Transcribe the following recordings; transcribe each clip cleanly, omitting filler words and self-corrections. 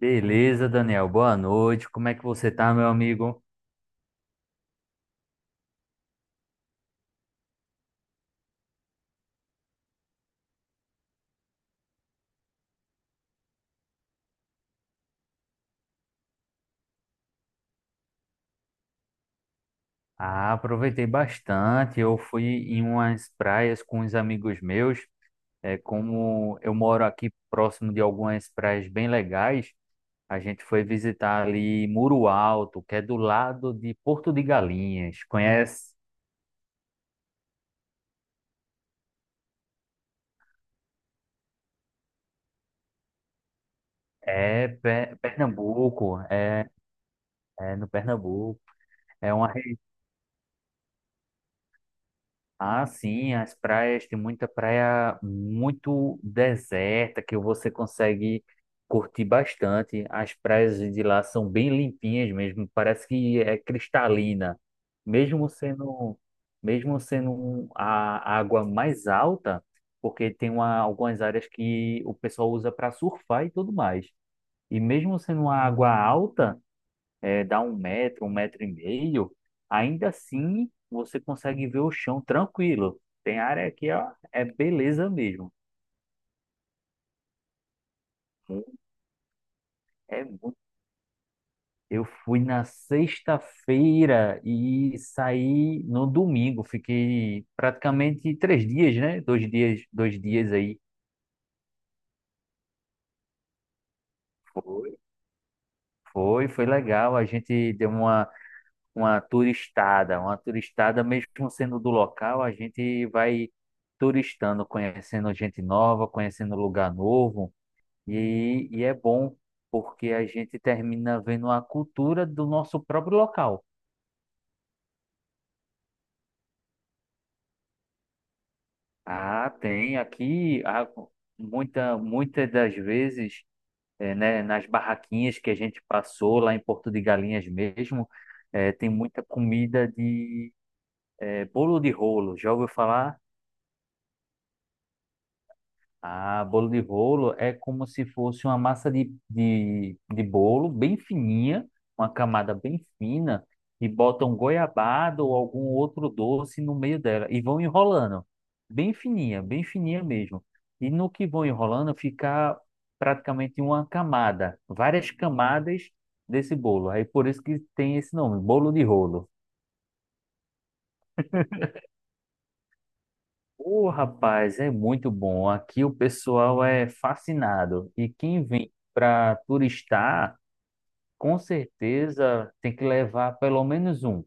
Beleza, Daniel. Boa noite. Como é que você tá, meu amigo? Ah, aproveitei bastante. Eu fui em umas praias com uns amigos meus. É, como eu moro aqui próximo de algumas praias bem legais, a gente foi visitar ali Muro Alto, que é do lado de Porto de Galinhas. Conhece? Pernambuco. É no Pernambuco. É uma Ah, sim, as praias, tem muita praia muito deserta que você consegue curtir bastante. As praias de lá são bem limpinhas mesmo, parece que é cristalina. Mesmo sendo, mesmo sendo a água mais alta, porque tem algumas áreas que o pessoal usa para surfar e tudo mais. E mesmo sendo uma água alta, dá 1 metro, 1 metro e meio, ainda assim você consegue ver o chão tranquilo. Tem área aqui, ó, é beleza mesmo. É muito. Eu fui na sexta-feira e saí no domingo. Fiquei praticamente 3 dias, né? 2 dias, 2 dias aí. Foi. Foi legal. A gente deu uma turistada, uma turistada, mesmo sendo do local, a gente vai turistando, conhecendo gente nova, conhecendo lugar novo, e é bom porque a gente termina vendo a cultura do nosso próprio local. Ah, tem aqui, muitas das vezes, né, nas barraquinhas que a gente passou lá em Porto de Galinhas mesmo, tem muita comida de, bolo de rolo. Já ouviu falar? Ah, bolo de rolo é como se fosse uma massa de bolo bem fininha, uma camada bem fina, e botam goiabada ou algum outro doce no meio dela e vão enrolando. Bem fininha mesmo. E no que vão enrolando fica praticamente uma camada, várias camadas desse bolo. Aí por isso que tem esse nome, bolo de rolo. Ô, rapaz, é muito bom. Aqui o pessoal é fascinado. E quem vem para turistar, com certeza tem que levar pelo menos um.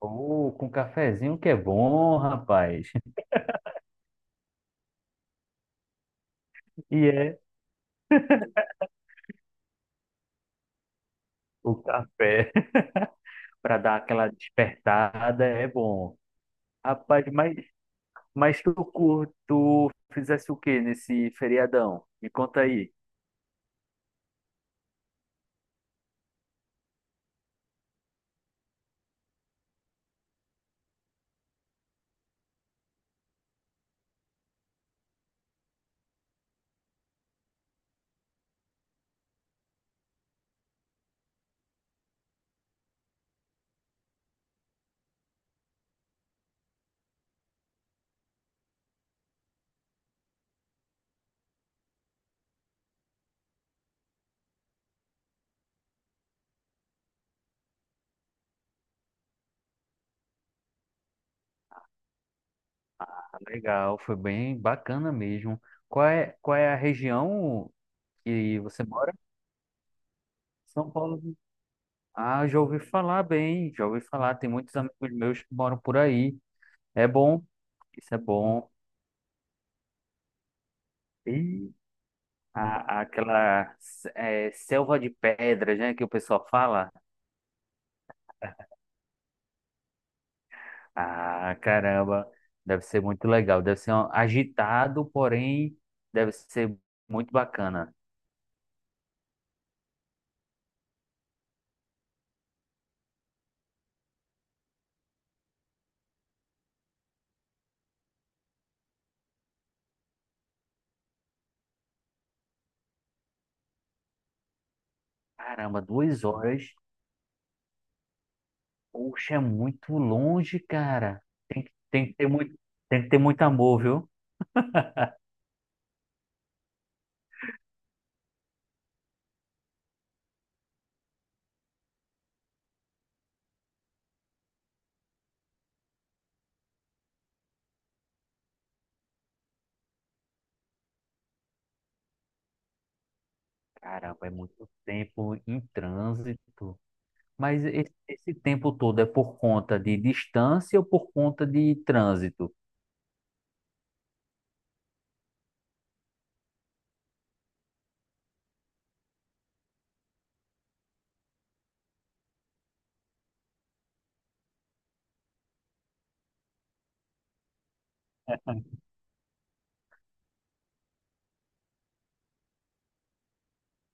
Ou com cafezinho que é bom, rapaz. E é o café para dar aquela despertada, é bom. Rapaz, mas tu fizesse o que nesse feriadão? Me conta aí. Ah, legal, foi bem bacana mesmo. Qual é a região que você mora? São Paulo. Ah, já ouvi falar bem, já ouvi falar. Tem muitos amigos meus que moram por aí. É bom, isso é bom. E aquela é, selva de pedras, né, que o pessoal fala. Ah, caramba, deve ser muito legal. Deve ser agitado, porém, deve ser muito bacana. Caramba, 2 horas. Poxa, é muito longe, cara. Tem que ter muito amor, viu? Caramba, é muito tempo em trânsito. Mas esse tempo todo é por conta de distância ou por conta de trânsito?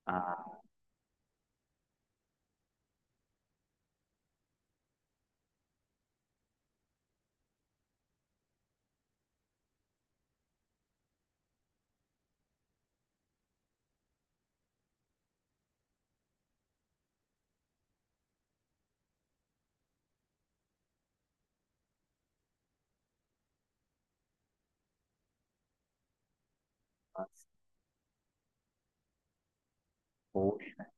Ah, mas, poxa,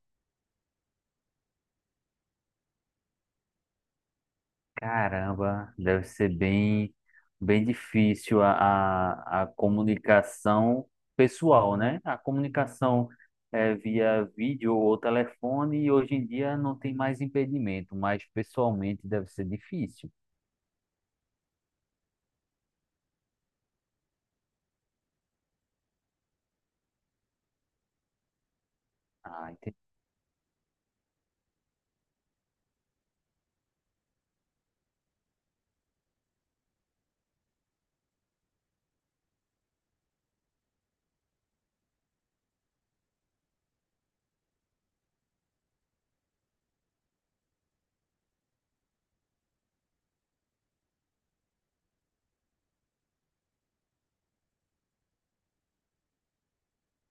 caramba, deve ser bem, bem difícil a comunicação pessoal, né? A comunicação via vídeo ou telefone, e hoje em dia não tem mais impedimento, mas pessoalmente deve ser difícil. Ah, entendi.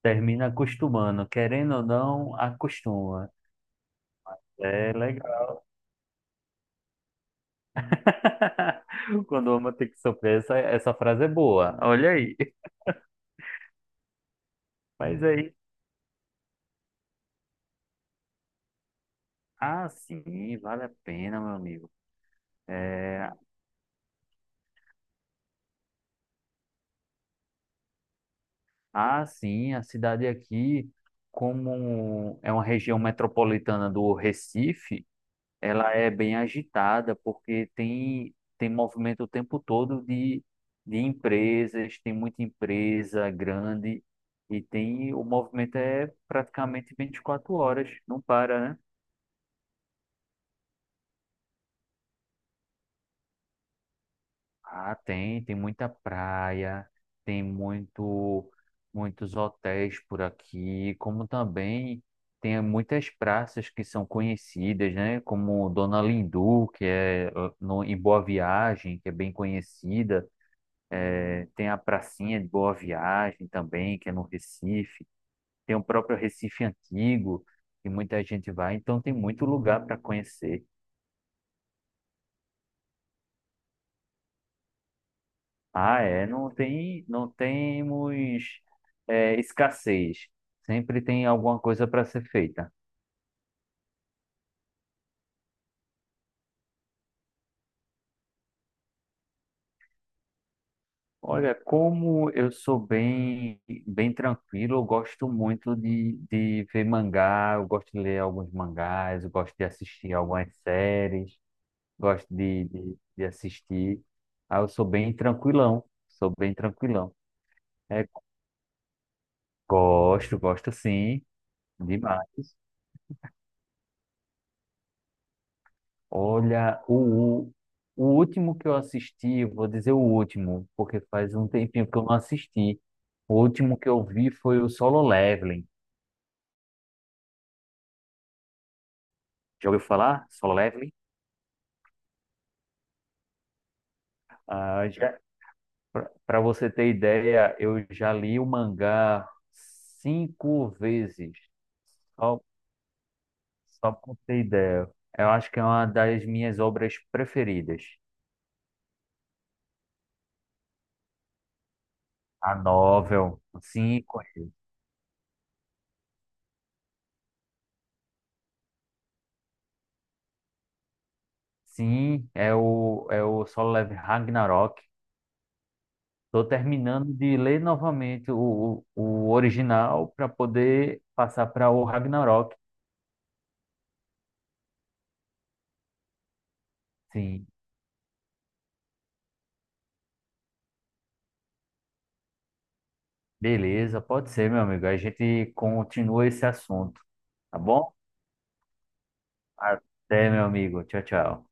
Termina acostumando, querendo ou não, acostuma. É legal. Quando o homem tem que sofrer, essa frase é boa. Olha aí. Mas aí, sim, vale a pena, meu amigo. É, sim, a cidade aqui, como é uma região metropolitana do Recife, ela é bem agitada, porque tem movimento o tempo todo de empresas, tem muita empresa grande, e tem, o movimento é praticamente 24 horas, não para, né? Ah, tem, muita praia, tem muitos hotéis por aqui, como também tem muitas praças que são conhecidas, né? Como Dona Lindu, que é eh, no, em Boa Viagem, que é bem conhecida. Tem a Pracinha de Boa Viagem também, que é no Recife. Tem o próprio Recife Antigo, que muita gente vai. Então tem muito lugar para conhecer. Ah, não temos escassez. Sempre tem alguma coisa para ser feita. Olha, como eu sou bem, bem tranquilo, eu gosto muito de ver mangá, eu gosto de ler alguns mangás, eu gosto de assistir algumas séries, gosto de assistir. Ah, eu sou bem tranquilão, sou bem tranquilão. É, gosto, gosto sim, demais. Olha, o último que eu assisti, vou dizer o último, porque faz um tempinho que eu não assisti. O último que eu vi foi o Solo Leveling. Já ouviu falar? Solo Leveling? Ah, já, para você ter ideia, eu já li o mangá 5 vezes. Só, só para ter ideia. Eu acho que é uma das minhas obras preferidas. A novel, sim, conheço. Sim, é o Solo Leveling Ragnarok. Estou terminando de ler novamente o original para poder passar para o Ragnarok. Sim, beleza, pode ser, meu amigo. A gente continua esse assunto, tá bom? Até, meu amigo. Tchau, tchau.